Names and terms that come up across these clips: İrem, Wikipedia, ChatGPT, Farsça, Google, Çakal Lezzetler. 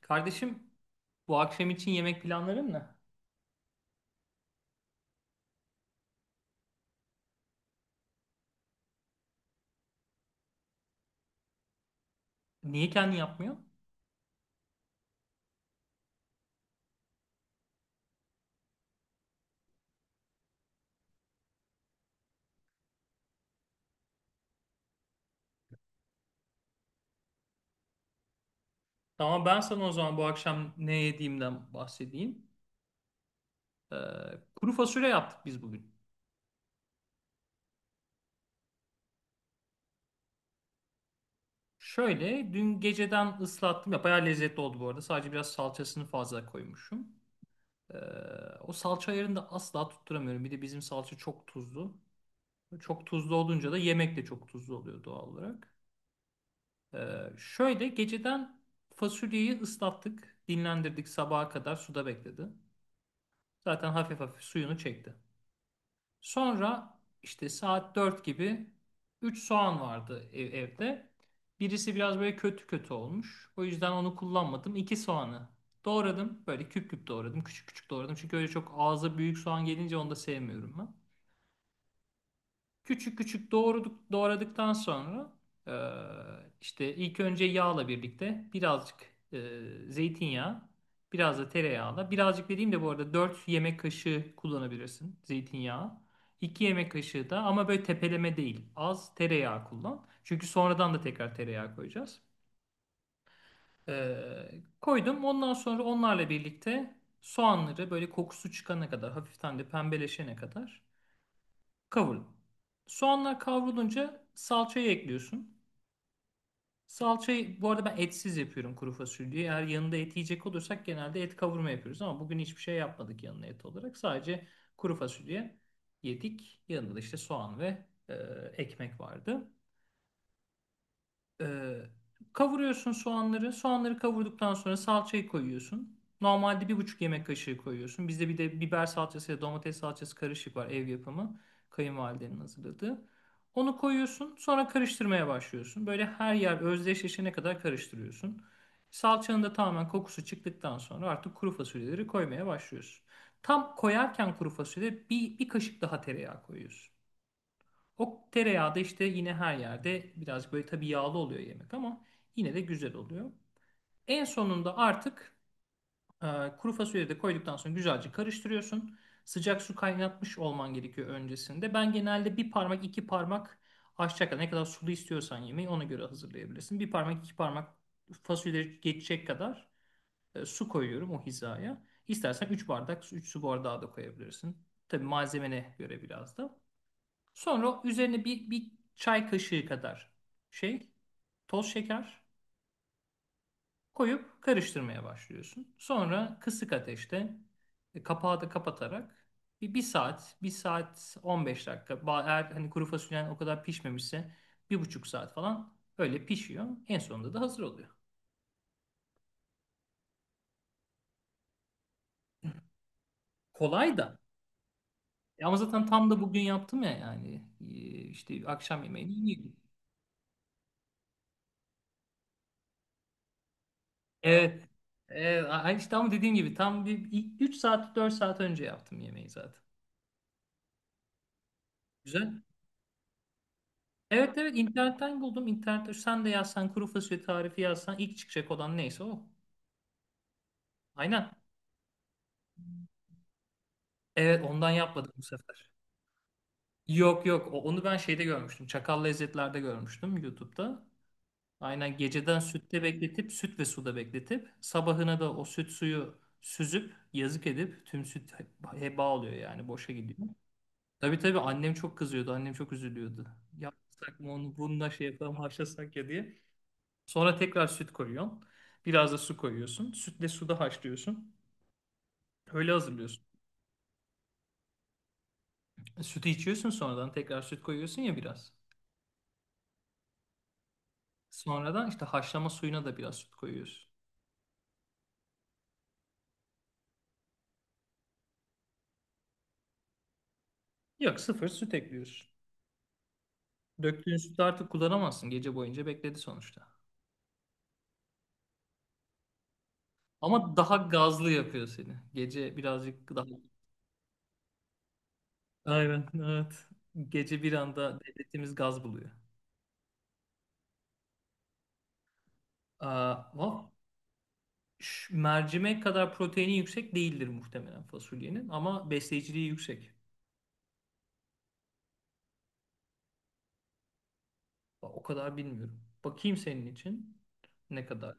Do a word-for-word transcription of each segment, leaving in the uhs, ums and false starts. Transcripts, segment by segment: Kardeşim, bu akşam için yemek planların ne? Niye kendin yapmıyor? Tamam, ben sana o zaman bu akşam ne yediğimden bahsedeyim. Ee, kuru fasulye yaptık biz bugün. Şöyle dün geceden ıslattım ya, bayağı lezzetli oldu bu arada. Sadece biraz salçasını fazla koymuşum. Ee, o salça ayarını da asla tutturamıyorum. Bir de bizim salça çok tuzlu. Çok tuzlu olunca da yemek de çok tuzlu oluyor doğal olarak. Ee, şöyle geceden fasulyeyi ıslattık. Dinlendirdik, sabaha kadar suda bekledi. Zaten hafif hafif suyunu çekti. Sonra işte saat dört gibi üç soğan vardı ev- evde. Birisi biraz böyle kötü kötü olmuş. O yüzden onu kullanmadım. iki soğanı doğradım. Böyle küp küp doğradım. Küçük küçük doğradım. Çünkü öyle çok ağza büyük soğan gelince onu da sevmiyorum ben. Küçük küçük doğraduk, doğradıktan sonra e, işte ilk önce yağla birlikte birazcık e, zeytinyağı, biraz da tereyağla. Birazcık dediğim de bu arada dört yemek kaşığı kullanabilirsin zeytinyağı. iki yemek kaşığı da, ama böyle tepeleme değil. Az tereyağı kullan. Çünkü sonradan da tekrar tereyağı koyacağız. E, koydum. Ondan sonra onlarla birlikte soğanları böyle kokusu çıkana kadar, hafiften de pembeleşene kadar kavurun. Soğanlar kavrulunca salçayı ekliyorsun. Salçayı bu arada ben etsiz yapıyorum kuru fasulyeyi. Eğer yanında et yiyecek olursak genelde et kavurma yapıyoruz ama bugün hiçbir şey yapmadık yanına et olarak. Sadece kuru fasulye yedik. Yanında da işte soğan ve e, ekmek vardı. Ee, kavuruyorsun soğanları. Soğanları kavurduktan sonra salçayı koyuyorsun. Normalde bir buçuk yemek kaşığı koyuyorsun. Bizde bir de biber salçası ya domates salçası karışık var, ev yapımı. Kayınvalidenin hazırladığı. Onu koyuyorsun. Sonra karıştırmaya başlıyorsun. Böyle her yer özdeşleşene kadar karıştırıyorsun. Salçanın da tamamen kokusu çıktıktan sonra artık kuru fasulyeleri koymaya başlıyorsun. Tam koyarken kuru fasulye bir, bir kaşık daha tereyağı koyuyorsun. O tereyağı da işte yine her yerde birazcık, böyle tabii yağlı oluyor yemek ama yine de güzel oluyor. En sonunda artık e, kuru fasulyeyi de koyduktan sonra güzelce karıştırıyorsun. Sıcak su kaynatmış olman gerekiyor öncesinde. Ben genelde bir parmak iki parmak aşacak kadar, ne kadar sulu istiyorsan yemeği ona göre hazırlayabilirsin. Bir parmak iki parmak fasulye geçecek kadar e, su koyuyorum o hizaya. İstersen üç bardak, üç su bardağı da koyabilirsin. Tabii malzemene göre biraz da. Sonra üzerine bir, bir çay kaşığı kadar şey, toz şeker koyup karıştırmaya başlıyorsun. Sonra kısık ateşte e, kapağı da kapatarak bir, bir saat, bir saat on beş dakika. Ba- Eğer hani kuru fasulyen o kadar pişmemişse bir buçuk saat falan öyle pişiyor. En sonunda da hazır oluyor. Kolay da. E Ama zaten tam da bugün yaptım ya, yani. E, işte akşam yemeğini yedim. Evet. Evet, a- işte ama dediğim gibi tam bir üç saat, dört saat önce yaptım yemeği zaten. Güzel. Evet, evet, internetten buldum. İnternette sen de yazsan, kuru fasulye tarifi yazsan, ilk çıkacak olan neyse o. Aynen. Evet, ondan yapmadım bu sefer. Yok, yok, o- onu ben şeyde görmüştüm. Çakal Lezzetler'de görmüştüm YouTube'da. Aynen, geceden sütte bekletip, süt ve suda bekletip, sabahına da o süt suyu süzüp yazık edip tüm süt he- heba oluyor, yani boşa gidiyor. Tabii, tabii, annem çok kızıyordu. Annem çok üzülüyordu. Yapsak mı onu, bununla şey yapalım haşlasak ya diye. Sonra tekrar süt koyuyorsun. Biraz da su koyuyorsun. Sütle suda haşlıyorsun. Öyle hazırlıyorsun. E, Sütü içiyorsun, sonradan tekrar süt koyuyorsun ya biraz. Sonradan işte haşlama suyuna da biraz süt koyuyorsun. Yok, sıfır süt ekliyorsun. Döktüğün sütü artık kullanamazsın. Gece boyunca bekledi sonuçta. Ama daha gazlı yapıyor seni. Gece birazcık daha... Aynen, evet. Gece bir anda devletimiz gaz buluyor. Aa, vah. ş- mercimek kadar proteini yüksek değildir muhtemelen fasulyenin, ama besleyiciliği yüksek. O kadar bilmiyorum. Bakayım senin için ne kadar.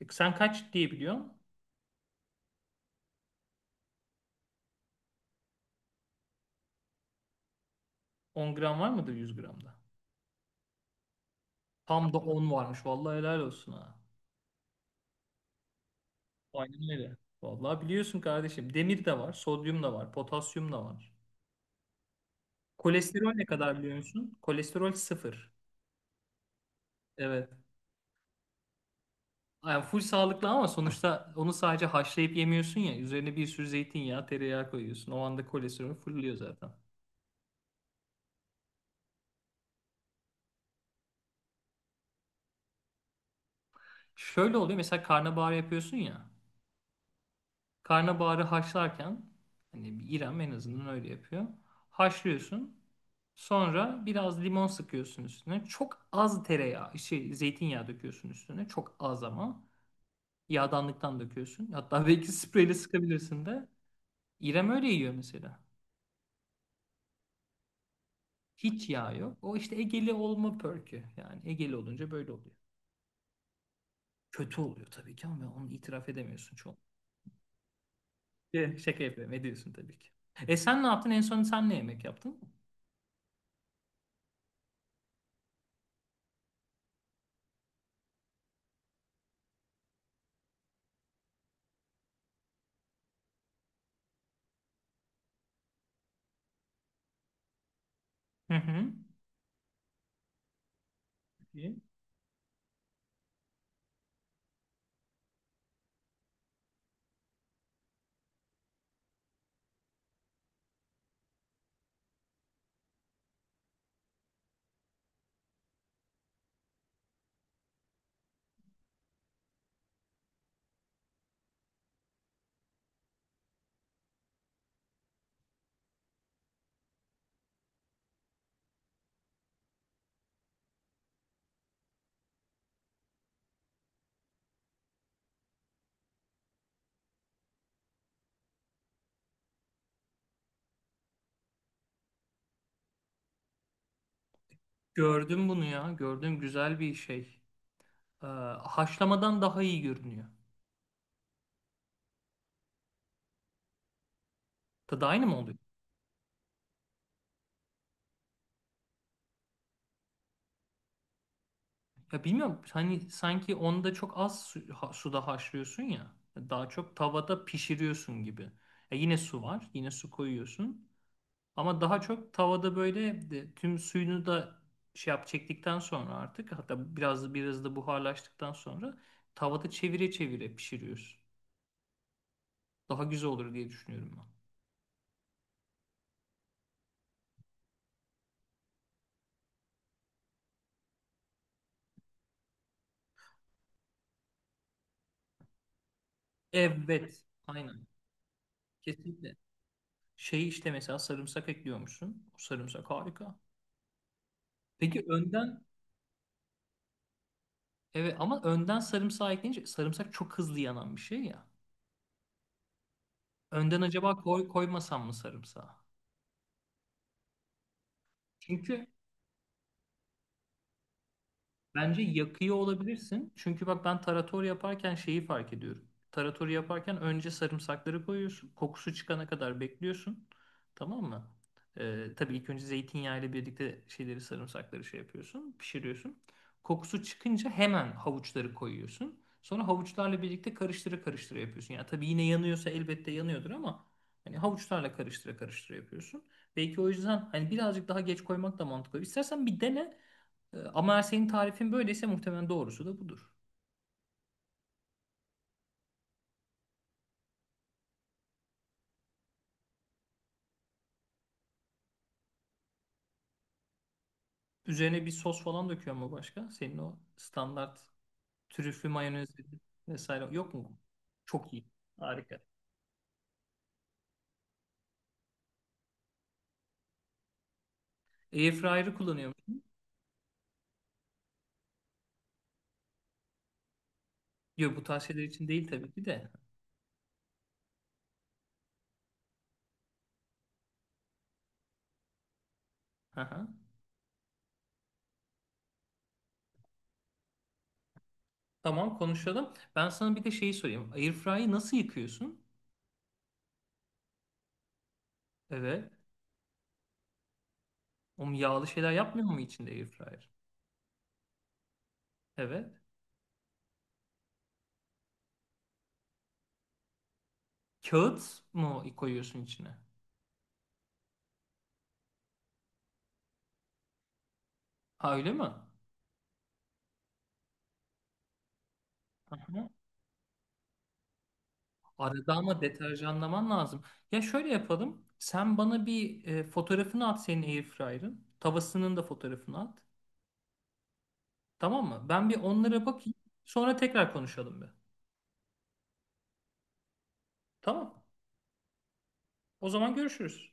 E, Sen kaç diye biliyorsun? On gram var mıdır yüz gramda? Tam da on varmış. Vallahi helal olsun ha. Aynen öyle. Vallahi biliyorsun kardeşim. Demir de var, sodyum da var, potasyum da var. Kolesterol ne kadar biliyor musun? Kolesterol sıfır. Evet. Yani full sağlıklı ama sonuçta onu sadece haşlayıp yemiyorsun ya. Üzerine bir sürü zeytinyağı, tereyağı koyuyorsun. O anda kolesterol fırlıyor zaten. Şöyle oluyor, mesela karnabahar yapıyorsun ya. Karnabaharı haşlarken, hani bir İrem en azından öyle yapıyor. Haşlıyorsun. Sonra biraz limon sıkıyorsun üstüne. Çok az tereyağı, şey, zeytinyağı döküyorsun üstüne. Çok az ama. Yağdanlıktan döküyorsun. Hatta belki spreyle sıkabilirsin de. İrem öyle yiyor mesela. Hiç yağ yok. O işte Egeli olma perkü. Yani Egeli olunca böyle oluyor. Kötü oluyor tabii ki, ama onu itiraf edemiyorsun çoğun. Ee, Şaka yapıyorum. Ediyorsun tabii ki. E sen ne yaptın? En son sen ne yemek yaptın? Hı hı. İyi. Gördüm bunu ya. Gördüm, güzel bir şey. Ee, haşlamadan daha iyi görünüyor. Tadı aynı mı oluyor? Ya bilmiyorum. Hani sanki onda çok az su- ha- suda haşlıyorsun ya. Daha çok tavada pişiriyorsun gibi. Ya yine su var. Yine su koyuyorsun. Ama daha çok tavada böyle de- tüm suyunu da şey yap çektikten sonra, artık hatta biraz biraz da buharlaştıktan sonra tavada çevire çevire pişiriyoruz. Daha güzel olur diye düşünüyorum ben. Evet, aynen. Kesinlikle. Şey, işte mesela sarımsak ekliyormuşsun. O sarımsak harika. Peki önden, evet, ama önden sarımsağı ekleyince sarımsak çok hızlı yanan bir şey ya. Önden acaba koy, koymasam mı sarımsağı? Çünkü bence yakıyor olabilirsin. Çünkü bak, ben tarator yaparken şeyi fark ediyorum. Taratoru yaparken önce sarımsakları koyuyorsun. Kokusu çıkana kadar bekliyorsun. Tamam mı? Ee, tabii ilk önce zeytinyağı ile birlikte şeyleri, sarımsakları şey yapıyorsun. Pişiriyorsun. Kokusu çıkınca hemen havuçları koyuyorsun. Sonra havuçlarla birlikte karıştıra karıştıra yapıyorsun. Yani tabii, yine yanıyorsa elbette yanıyordur ama hani havuçlarla karıştıra karıştıra yapıyorsun. Belki o yüzden hani birazcık daha geç koymak da mantıklı. İstersen bir dene. Ee, Ama eğer senin tarifin böyleyse muhtemelen doğrusu da budur. Üzerine bir sos falan döküyor mu başka? Senin o standart trüflü mayonez vesaire yok mu? Çok iyi. Harika. Airfryer'ı kullanıyor musun? Yok, bu tarz şeyler için değil tabii ki de. Aha. Tamam, konuşalım. Ben sana bir de şeyi sorayım. Airfryer'ı nasıl yıkıyorsun? Evet. O yağlı şeyler yapmıyor mu içinde airfryer? Evet. Kağıt mı koyuyorsun içine? Ha, öyle mi? Aha. Arada ama deterjanlaman lazım. Ya şöyle yapalım. Sen bana bir e, fotoğrafını at senin airfryer'ın. Tavasının da fotoğrafını at. Tamam mı? Ben bir onlara bakayım. Sonra tekrar konuşalım be. Tamam. O zaman görüşürüz.